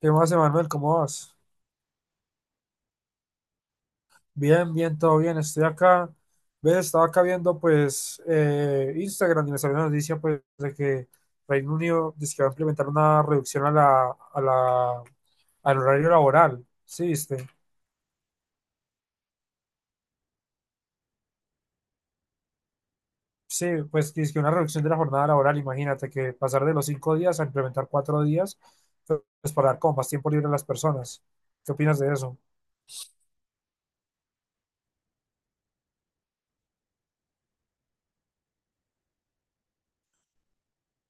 ¿Qué más, Emanuel? ¿Cómo vas? Bien, bien, todo bien. Estoy acá. ¿Ves? Estaba acá viendo, pues, Instagram y me salió una noticia, pues, de que Reino Unido dice que va a implementar una reducción a la, a la, al horario laboral. ¿Sí, viste? Sí, pues, que es que una reducción de la jornada laboral. Imagínate que pasar de los 5 días a implementar 4 días, pues, para dar como más tiempo libre a las personas. ¿Qué opinas de eso?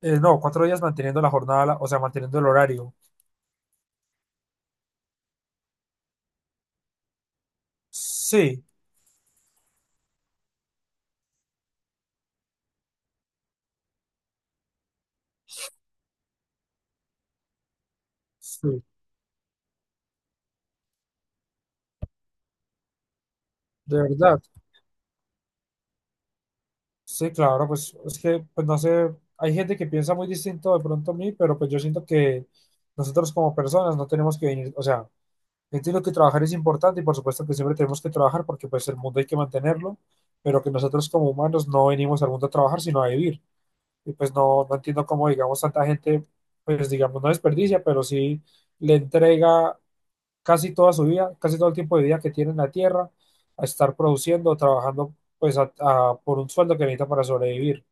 No, 4 días manteniendo la jornada, o sea, manteniendo el horario. Sí, sí, de verdad. Sí, claro, pues es que, pues no sé, hay gente que piensa muy distinto de pronto a mí, pero pues yo siento que nosotros como personas no tenemos que venir, o sea, entiendo que trabajar es importante y por supuesto que siempre tenemos que trabajar porque pues el mundo hay que mantenerlo, pero que nosotros como humanos no venimos al mundo a trabajar, sino a vivir. Y pues no, no entiendo cómo, digamos, tanta gente, pues digamos, no desperdicia, pero sí le entrega casi toda su vida, casi todo el tiempo de vida que tiene en la tierra a estar produciendo, trabajando pues por un sueldo que necesita para sobrevivir.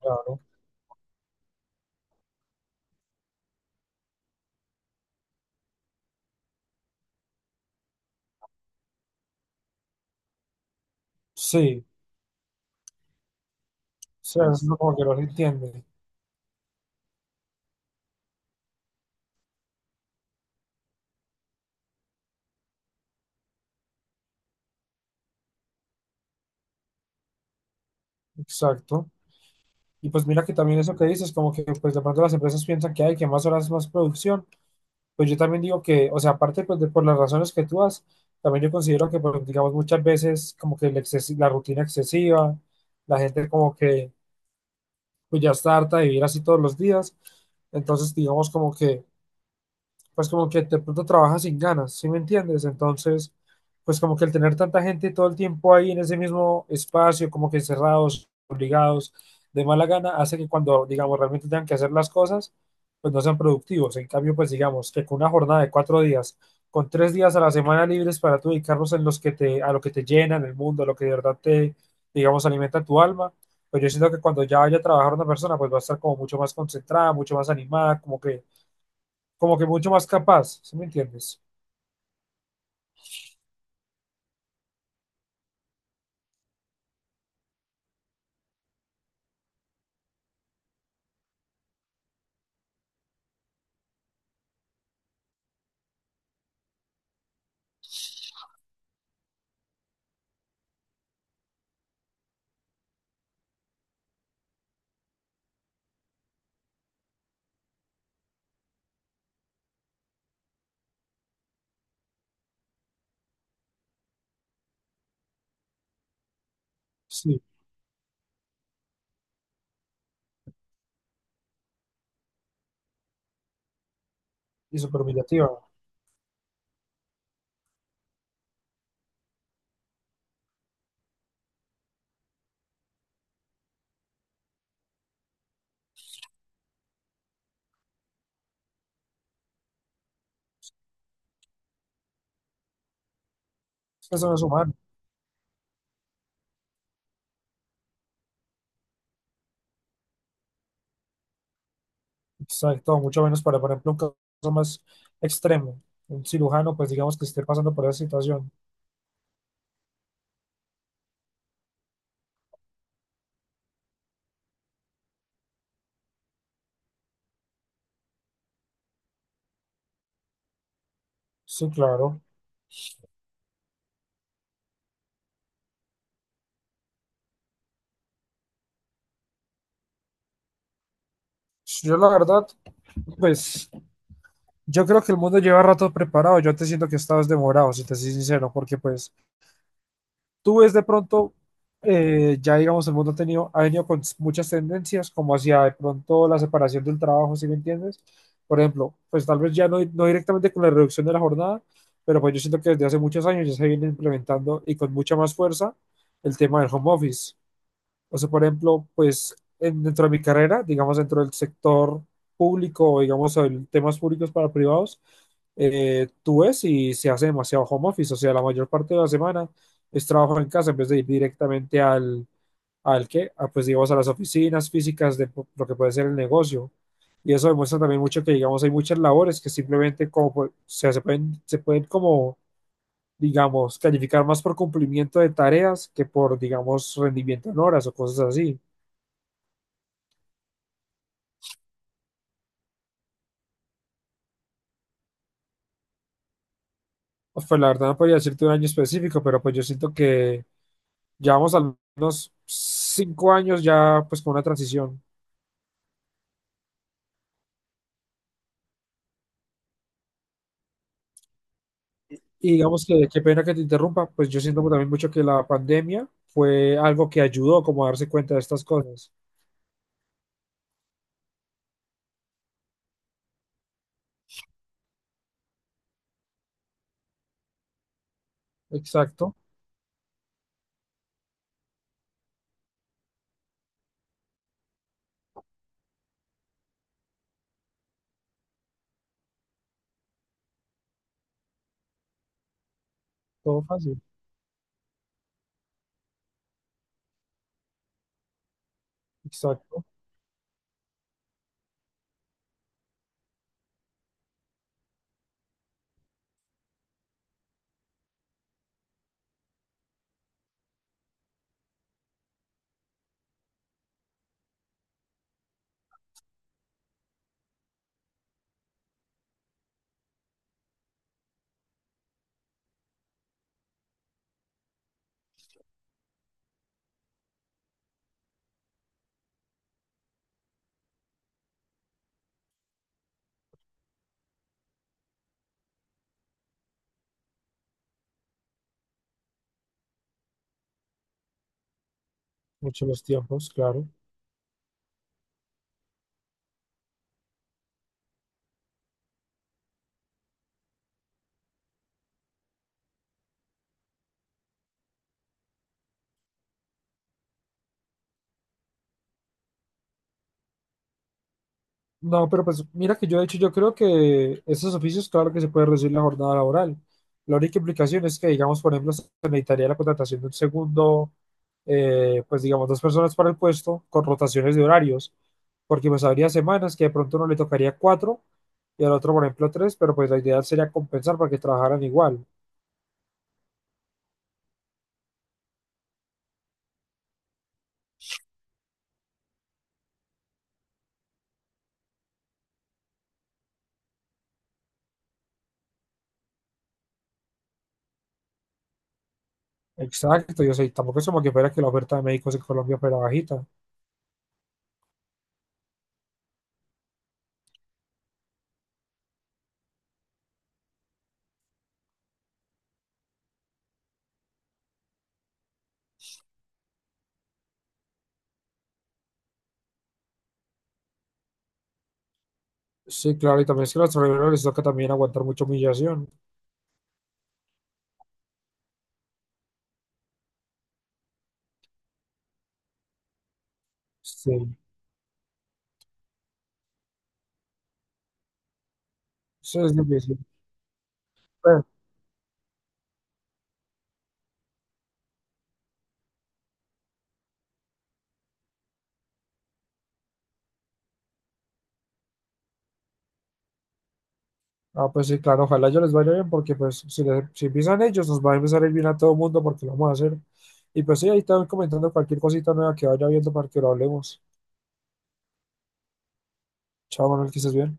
Claro, sí, o sea, es lo como que no se entiende, exacto. Y pues mira que también eso que dices, como que pues de pronto las empresas piensan que hay que más horas, más producción, pues yo también digo que, o sea, aparte pues de, por las razones que tú das, también yo considero que pues, digamos muchas veces como que la rutina excesiva, la gente como que pues ya está harta de vivir así todos los días, entonces digamos como que de pronto trabajas sin ganas, ¿sí me entiendes? Entonces, pues como que el tener tanta gente todo el tiempo ahí en ese mismo espacio, como que encerrados, obligados, de mala gana, hace que cuando, digamos, realmente tengan que hacer las cosas, pues no sean productivos. En cambio, pues digamos que con una jornada de 4 días, con 3 días a la semana libres para tú dedicarlos en los que te, a lo que te llenan el mundo, a lo que de verdad te, digamos, alimenta tu alma, pues yo siento que cuando ya vaya a trabajar una persona, pues va a estar como mucho más concentrada, mucho más animada, como que mucho más capaz, ¿sí me entiendes? Sí, y súper humillativa. Eso no es humano, exacto, mucho menos para, por ejemplo, un caso más extremo, un cirujano, pues digamos que esté pasando por esa situación. Sí, claro. Yo la verdad, pues yo creo que el mundo lleva rato preparado, yo te siento que estabas demorado, si te soy sincero, porque pues tú ves de pronto, ya digamos, el mundo ha tenido, ha venido con muchas tendencias, como hacia de pronto la separación del trabajo, ¿sí me entiendes? Por ejemplo, pues tal vez ya no, no directamente con la reducción de la jornada, pero pues yo siento que desde hace muchos años ya se viene implementando y con mucha más fuerza el tema del home office. O sea, por ejemplo, pues dentro de mi carrera, digamos dentro del sector público o digamos temas públicos para privados, tú ves y se hace demasiado home office, o sea, la mayor parte de la semana es trabajo en casa en vez de ir directamente al que, pues digamos a las oficinas físicas lo que puede ser el negocio. Y eso demuestra también mucho que digamos hay muchas labores que simplemente como pues, o sea, se pueden como digamos, calificar más por cumplimiento de tareas que por, digamos, rendimiento en horas o cosas así. Pues, la verdad no podría decirte un año específico, pero pues yo siento que llevamos al menos 5 años ya pues con una transición. Y digamos que qué pena que te interrumpa, pues yo siento también mucho que la pandemia fue algo que ayudó como a darse cuenta de estas cosas. Exacto, todo fácil, exacto, muchos los tiempos, claro. No, pero pues mira que yo de hecho yo creo que esos oficios, claro que se puede reducir la jornada laboral. La única implicación es que, digamos, por ejemplo, se necesitaría la contratación de un segundo, pues digamos, dos personas para el puesto con rotaciones de horarios, porque pues habría semanas que de pronto uno le tocaría cuatro y al otro, por ejemplo, tres, pero pues la idea sería compensar para que trabajaran igual. Exacto, yo sé, tampoco es como que fuera que la oferta de médicos en Colombia fuera bajita. Sí, claro, y también es que a los trabajadores les toca también aguantar mucha humillación. Sí, eso es difícil. Pues, ah, pues sí, claro, ojalá yo les vaya bien porque pues si empiezan ellos nos va a empezar a ir bien a todo el mundo porque lo vamos a hacer. Y pues sí, ahí están comentando cualquier cosita nueva que vaya viendo para que lo hablemos. Chao, Manuel, que estés bien.